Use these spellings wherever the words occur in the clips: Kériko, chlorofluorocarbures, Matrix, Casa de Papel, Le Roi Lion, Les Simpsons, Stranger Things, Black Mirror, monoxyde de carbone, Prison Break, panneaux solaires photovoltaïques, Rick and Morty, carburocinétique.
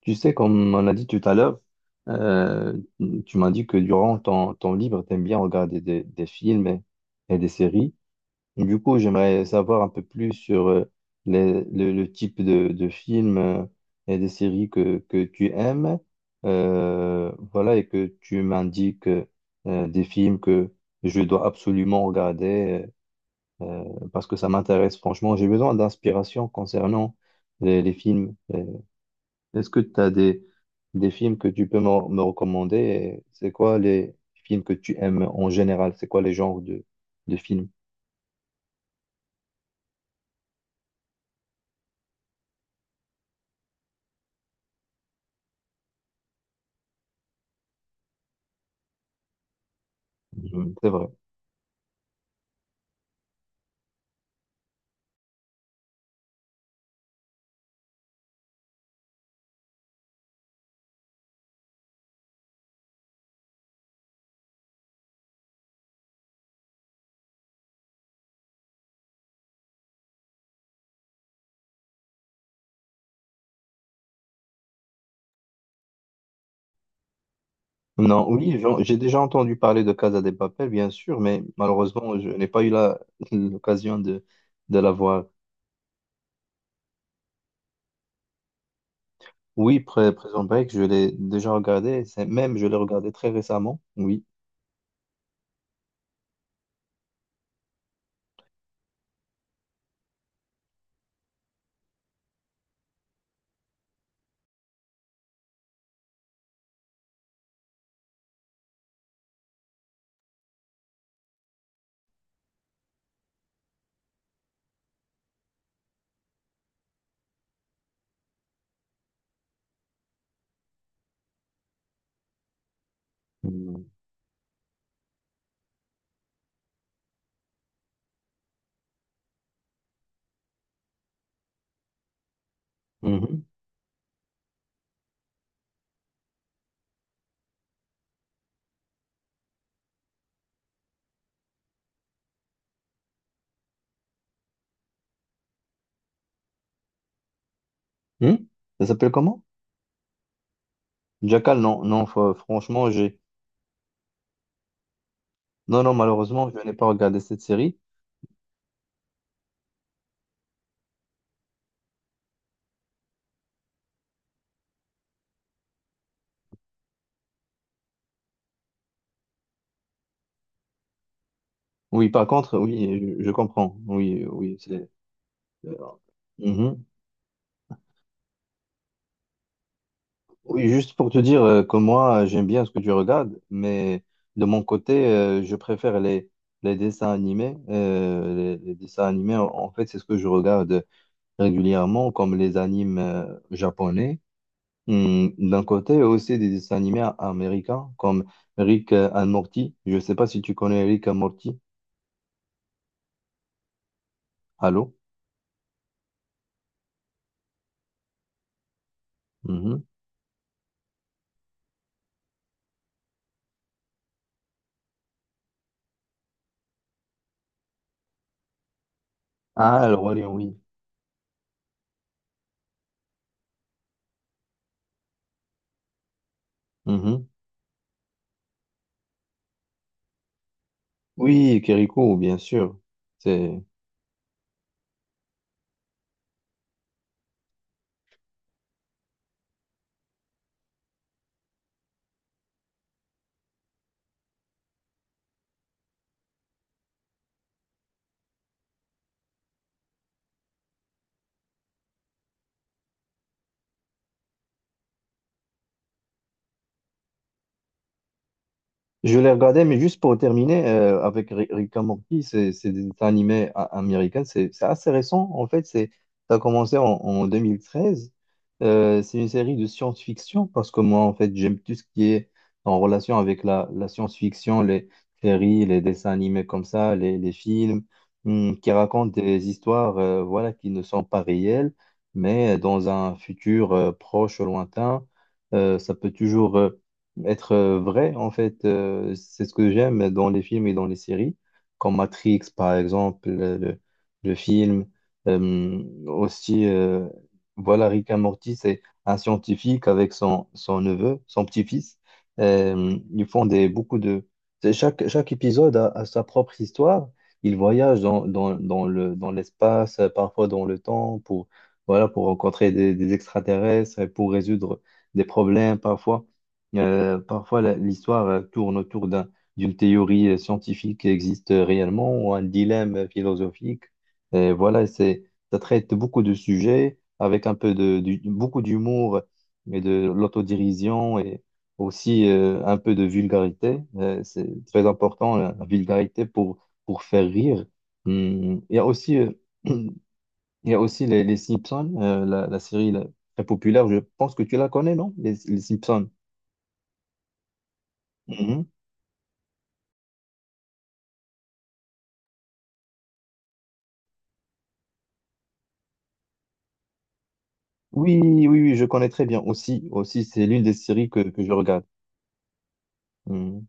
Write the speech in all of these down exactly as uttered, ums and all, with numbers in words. Tu sais, comme on a dit tout à l'heure, euh, tu m'as dit que durant ton temps libre, tu aimes bien regarder des, des films et, et des séries. Et du coup, j'aimerais savoir un peu plus sur euh, les- le, le type de, de films euh, et des séries que, que tu aimes. Euh, voilà, et que tu m'indiques euh, des films que je dois absolument regarder euh, parce que ça m'intéresse franchement. J'ai besoin d'inspiration concernant les, les films. euh, est-ce que tu as des, des films que tu peux me, me recommander? Et c'est quoi les films que tu aimes en général? C'est quoi les genres de, de films? Mhm. C'est vrai. Non, oui, j'en- j'ai déjà entendu parler de Casa de Papel, bien sûr, mais malheureusement, je n'ai pas eu la, l'occasion de, de la voir. Oui, Pré- Prison Break, je l'ai déjà regardé, c'est, même je l'ai regardé très récemment, oui. Mhm. Mhm. Hmm. Ça s'appelle comment? Jackal, non, non, fa- franchement, j'ai. Non, non, malheureusement, je n'ai pas regardé cette série. Oui, par contre, oui, je, je comprends. Oui, oui, c'est. euh, mhm. Oui, juste pour te dire euh, que moi, j'aime bien ce que tu regardes, mais de mon côté, euh, je préfère les, les dessins animés. Euh, les, les dessins animés, en, en fait, c'est ce que je regarde régulièrement, comme les animes euh, japonais. Hmm, d'un côté, aussi des dessins animés a- américains, comme Rick and Morty. Je ne sais pas si tu connais Rick and Morty. Allô? Mhm. Ah, le Roi Lion, oui. Mhm. Oui, Kériko, bien sûr. C'est. Je l'ai regardé, mais juste pour terminer, euh, avec Ri- Rick and Morty, c'est c'est des dessins animés a- américains, c'est c'est assez récent, en fait, c'est, ça a commencé en, en deux mille treize. Euh, c'est une série de science-fiction, parce que moi, en fait, j'aime tout ce qui est en relation avec la, la science-fiction, les séries, les dessins animés comme ça, les, les films, hum, qui racontent des histoires, euh, voilà, qui ne sont pas réelles, mais dans un futur, euh, proche, lointain, euh, ça peut toujours euh, être euh, vrai, en fait, euh, c'est ce que j'aime dans les films et dans les séries, comme Matrix, par exemple, le, le- le film. Euh, aussi, euh, voilà, Rick et Morty, c'est un scientifique avec son, son neveu, son petit-fils. Euh, ils font des, beaucoup de... c'est Chaque, chaque épisode a, a sa propre histoire. Ils voyagent dans, dans, dans le, dans l'espace, euh, parfois dans le temps, pour, voilà, pour rencontrer des, des extraterrestres et pour résoudre des problèmes parfois. Euh, parfois, la- l'histoire euh, tourne autour d'un, d'une théorie euh, scientifique qui existe euh, réellement ou un dilemme euh, philosophique. Et voilà, c'est, ça traite beaucoup de sujets avec un peu de, du- beaucoup d'humour et de l'autodérision et aussi euh, un peu de vulgarité. Euh, c'est très important, la, la vulgarité pour, pour faire rire. Hum, Il y a aussi. Euh, il y a aussi les, les Simpsons, euh, la, la série là, très populaire. Je pense que tu la connais, non? Les, les Simpsons. Hum, hum. Oui, oui, oui, je connais très bien. Aussi, aussi, c'est l'une des séries que, que je regarde. Hmm.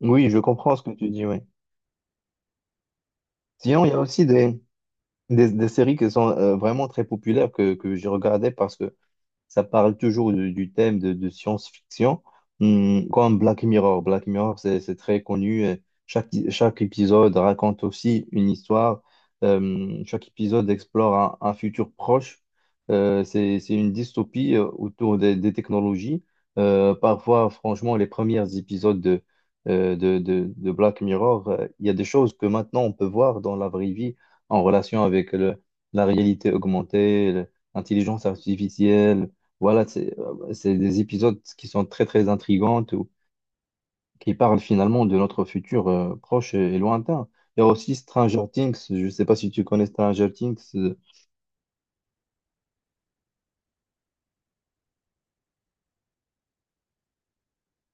Oui, je comprends ce que tu dis, oui. Sinon, il y a aussi des, des, des séries qui sont euh, vraiment très populaires que, que je regardais parce que ça parle toujours du, du thème de, de science-fiction, hum, comme Black Mirror. Black Mirror, c'est, c'est très connu. Et Chaque, chaque épisode raconte aussi une histoire. Euh, chaque épisode explore un, un futur proche. Euh, c'est, c'est une dystopie euh, autour des, des technologies. Euh, parfois, franchement, les premiers épisodes de, euh, de, de, de Black Mirror, euh, il y a des choses que maintenant on peut voir dans la vraie vie en relation avec le- la réalité augmentée, l'intelligence artificielle. Voilà, c'est euh, c'est des épisodes qui sont très très intrigants, ou qui parlent finalement de notre futur euh, proche et, et lointain. Il y a aussi Stranger Things, je ne sais pas si tu connais Stranger Things. euh,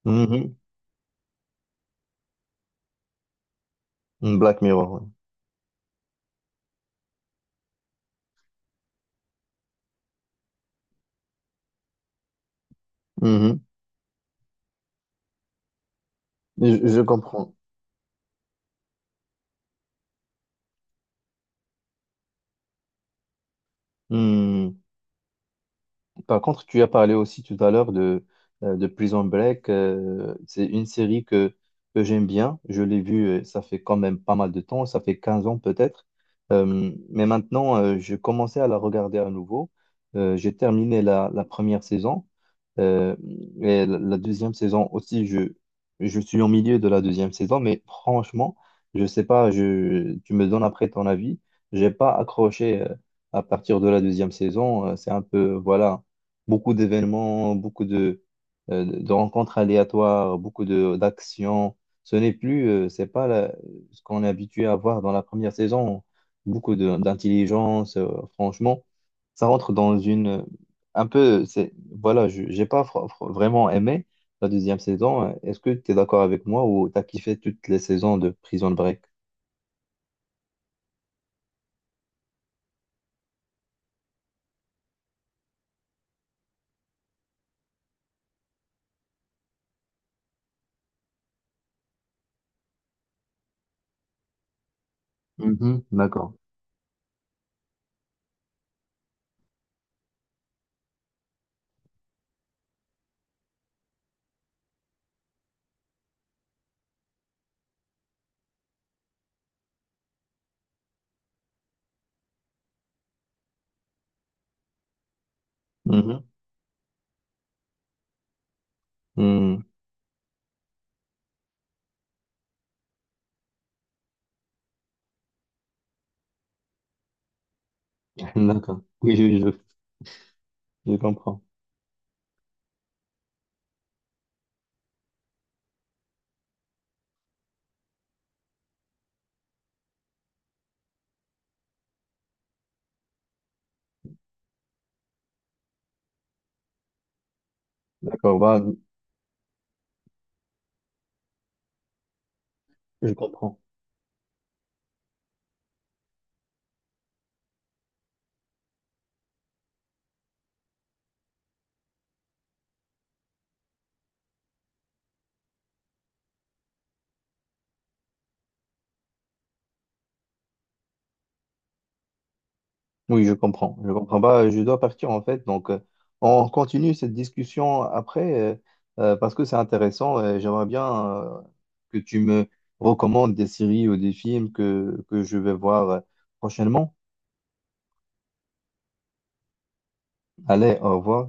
mhm, Black Mirror, ouais. Mhm. Je, je comprends. Par contre, tu as parlé aussi tout à l'heure de, euh, de Prison Break. Euh, c'est une série que, que j'aime bien. Je l'ai vue, euh, ça fait quand même pas mal de temps, ça fait quinze ans peut-être. Euh, mais maintenant, euh, je commençais à la regarder à nouveau. Euh, j'ai terminé la, la première saison. Euh, et la, la deuxième saison aussi, je, je suis au milieu de la deuxième saison. Mais franchement, je sais pas, je, tu me donnes après ton avis. J'ai pas accroché euh, à partir de la deuxième saison. Euh, C'est un peu, voilà. Beaucoup d'événements, beaucoup de, euh, de rencontres aléatoires, beaucoup de d'actions. Ce n'est plus, euh, c'est pas la- ce qu'on est habitué à voir dans la première saison. Beaucoup de- d'intelligence, euh, franchement, ça rentre dans une euh, un peu. C'est Voilà, je- j'ai pas fr- fr- vraiment aimé la deuxième saison. Est-ce que tu es d'accord avec moi ou t'as kiffé toutes les saisons de Prison Break? Mhm, d'accord. Mhm. Hmm. D'accord. Oui, oui, je, je comprends. D'accord, bah, je comprends. Oui, je comprends. Je comprends pas. Je dois partir en fait. Donc, euh, on continue cette discussion après euh, euh, parce que c'est intéressant. euh, J'aimerais bien euh, que tu me recommandes des séries ou des films que, que je vais voir euh, prochainement. Allez, au revoir.